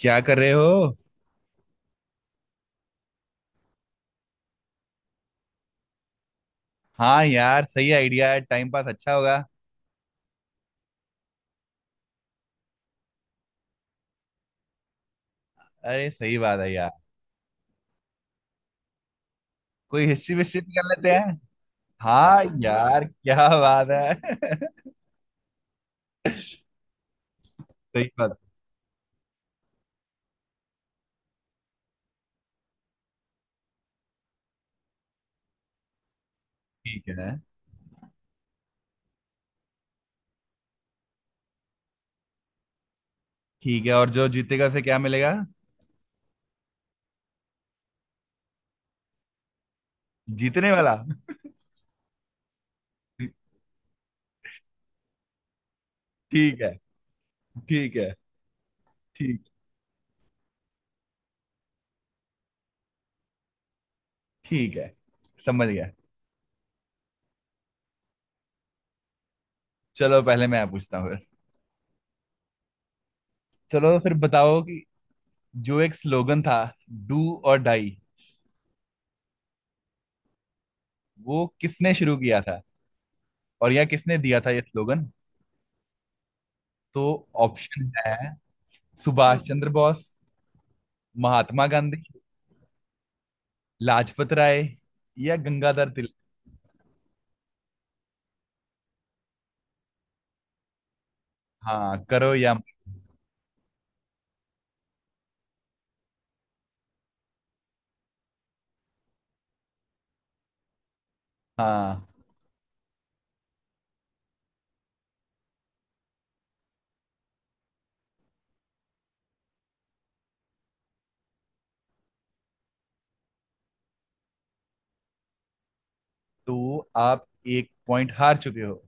क्या कर रहे हो। हाँ यार, सही आइडिया है, टाइम पास अच्छा होगा। अरे सही बात है यार। कोई हिस्ट्री विस्ट्री भी कर लेते हैं। हाँ यार, क्या बात है। सही बात। ठीक है। ठीक है, और जो जीतेगा फिर क्या मिलेगा? जीतने वाला। ठीक है। ठीक है। ठीक। ठीक है, समझ गया। चलो पहले मैं पूछता हूँ फिर। चलो फिर बताओ कि जो एक स्लोगन था, डू और डाई, वो किसने शुरू किया था, और यह किसने दिया था ये स्लोगन। तो ऑप्शन है: सुभाष चंद्र बोस, महात्मा गांधी, लाजपत राय, या गंगाधर तिलक। हाँ करो या। हाँ, तो आप एक पॉइंट हार चुके हो।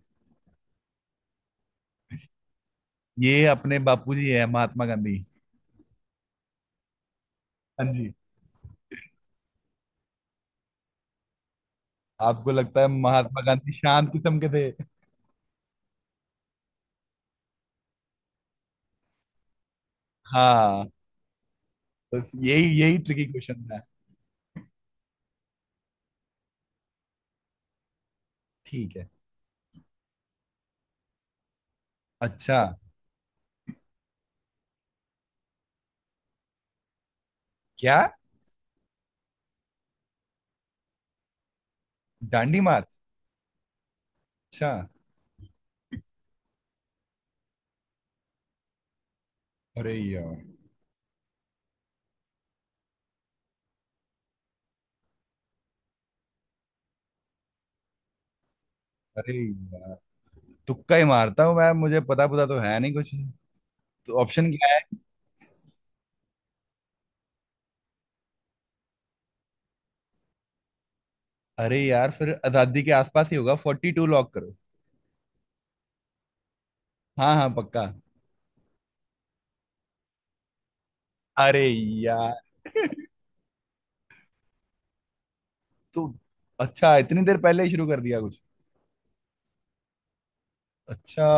ये अपने बापूजी है, महात्मा गांधी। हाँ जी। आपको लगता है महात्मा गांधी शांत किस्म के थे? हाँ। बस यही यही ट्रिकी क्वेश्चन था। ठीक है। अच्छा, क्या? दांडी मार्च। अच्छा। अरे यार। अरे यार, तुक्का ही मारता हूँ मैं, मुझे पता पता तो है नहीं कुछ। तो ऑप्शन क्या है? अरे यार, फिर आजादी के आसपास ही होगा, 42 लॉक करो। हाँ हाँ, पक्का। अरे यार। तो अच्छा, इतनी देर पहले ही शुरू कर दिया कुछ। अच्छा।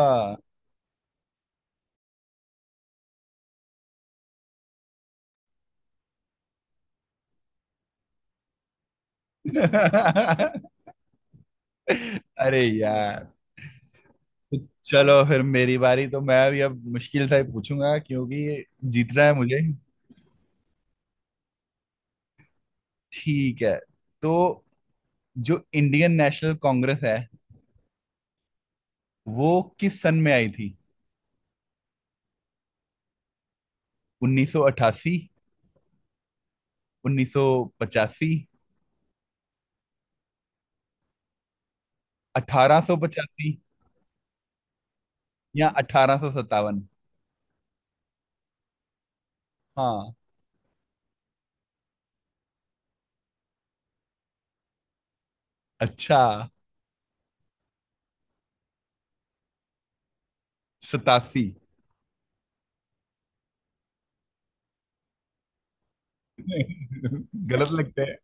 अरे यार। तो चलो फिर मेरी बारी, तो मैं भी अब मुश्किल से ही पूछूंगा, क्योंकि जीतना है मुझे। ठीक है। तो जो इंडियन नेशनल कांग्रेस है, वो किस सन में आई थी? 1988, 1985, 1885, या 1857। हाँ। अच्छा सतासी। गलत लगते हैं,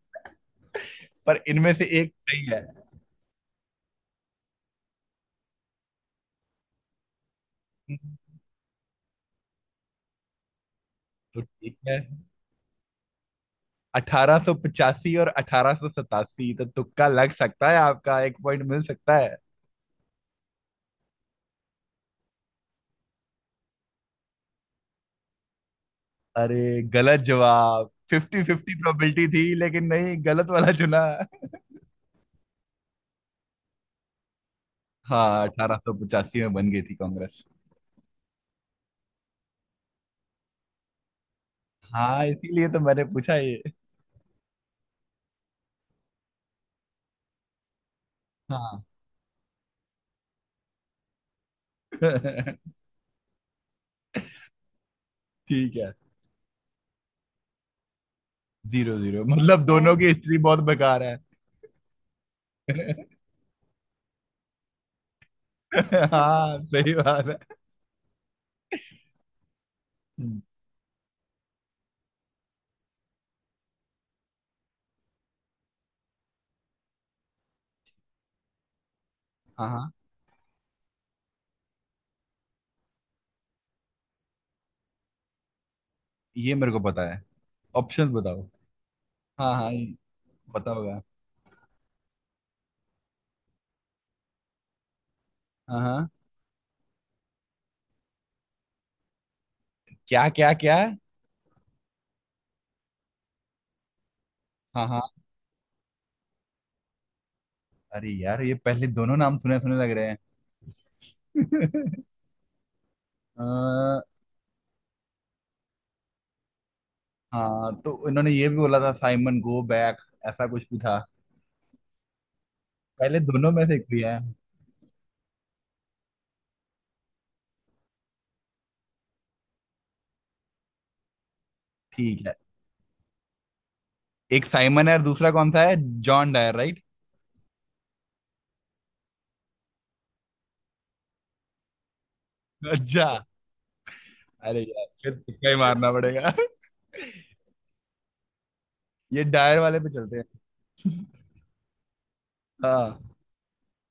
पर इनमें से एक सही है। तो ठीक है, 1885 और 1887 तो तुक्का लग सकता है, आपका एक पॉइंट मिल सकता है। अरे, गलत जवाब। फिफ्टी फिफ्टी प्रोबेबिलिटी थी, लेकिन नहीं, गलत वाला चुना। हाँ, 1885 में बन गई थी कांग्रेस। हाँ, इसीलिए तो मैंने पूछा ये। हाँ। ठीक है। 0-0 मतलब दोनों की हिस्ट्री बहुत बेकार है। हाँ सही बात है। हम्म, हाँ हाँ, ये मेरे को पता है, ऑप्शन बताओ। हाँ हाँ ये, पता होगा। हाँ हाँ। क्या क्या क्या। हाँ हाँ। अरे यार, ये पहले दोनों नाम सुने सुने लग रहे हैं। अ, हाँ, तो इन्होंने ये भी बोला था, साइमन गो बैक, ऐसा कुछ भी था? पहले दोनों में से एक भी है? ठीक है, एक साइमन है और दूसरा कौन सा है, जॉन डायर राइट? अच्छा। अरे यार, फिर तुक्का ही मारना पड़ेगा। ये डायर वाले पे चलते हैं। हाँ।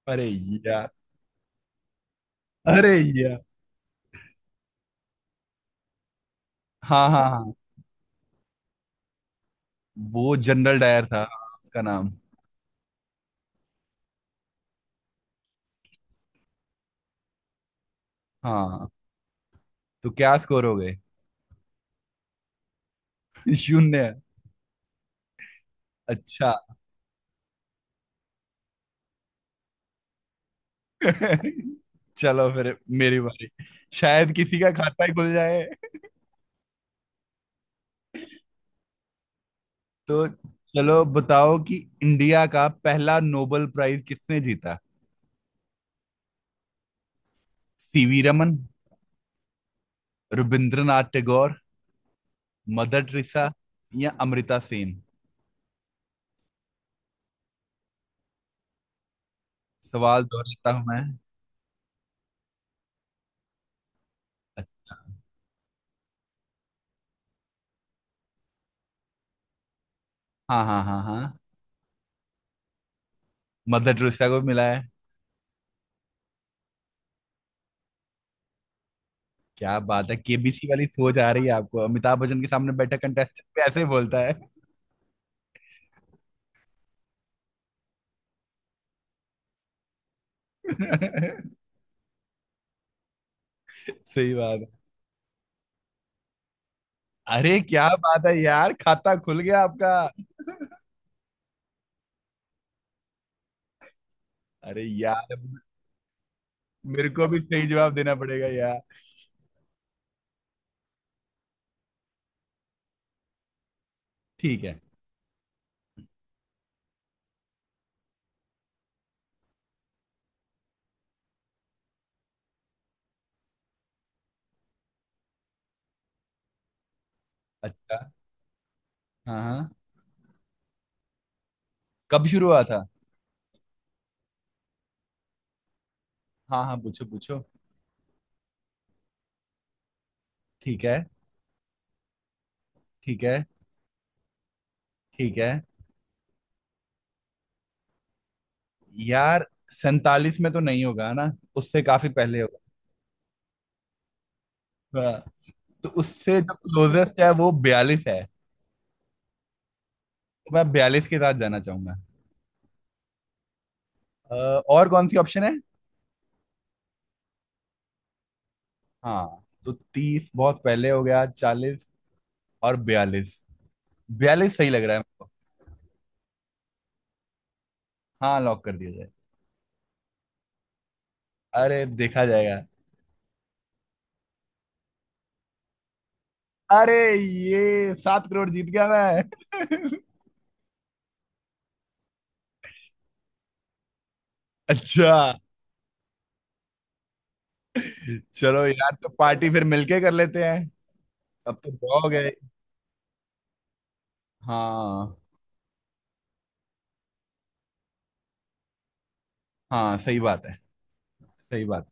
अरे यार। अरे, हाँ हाँ हाँ, वो जनरल डायर था, हाँ, उसका नाम। हाँ, तो क्या स्कोर हो गए? शून्य। अच्छा। चलो फिर मेरी बारी, शायद किसी का खाता ही खुल जाए। तो चलो बताओ कि इंडिया का पहला नोबेल प्राइज किसने जीता। CV Raman, Rabindranath Tagore, Mother Teresa, या अमृता सेन। सवाल दोहराता हूं मैं। हाँ हाँ हाँ हाँ। मदर टेरेसा को भी मिला है। क्या बात है, केबीसी वाली सोच आ रही है आपको, अमिताभ बच्चन के सामने बैठा कंटेस्टेंट भी ऐसे ही बोलता है। सही बात है। अरे क्या बात है यार, खाता खुल गया आपका। अरे यार, मेरे को भी सही जवाब देना पड़ेगा यार। ठीक है। अच्छा। हाँ हाँ। कब शुरू हुआ था? हाँ हाँ, पूछो पूछो। ठीक है। ठीक है। ठीक है। यार, 47 में तो नहीं होगा ना, उससे काफी पहले होगा। हाँ, तो उससे जो क्लोजेस्ट है वो 42 है। तो मैं 42 के साथ जाना चाहूंगा। अ, और कौन सी ऑप्शन है? हाँ, तो 30 बहुत पहले हो गया, 40 और 42, 42 सही लग रहा है मुझको। हाँ, लॉक कर दिया जाए। अरे देखा जाएगा। अरे, ये 7 करोड़ जीत गया मैं। अच्छा। चलो यार, तो पार्टी फिर मिलके कर लेते हैं। अब तो दो हो गए। हाँ। हाँ सही बात है। सही बात।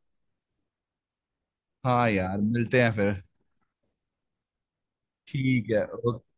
हाँ यार, मिलते हैं फिर। ठीक है। ओके।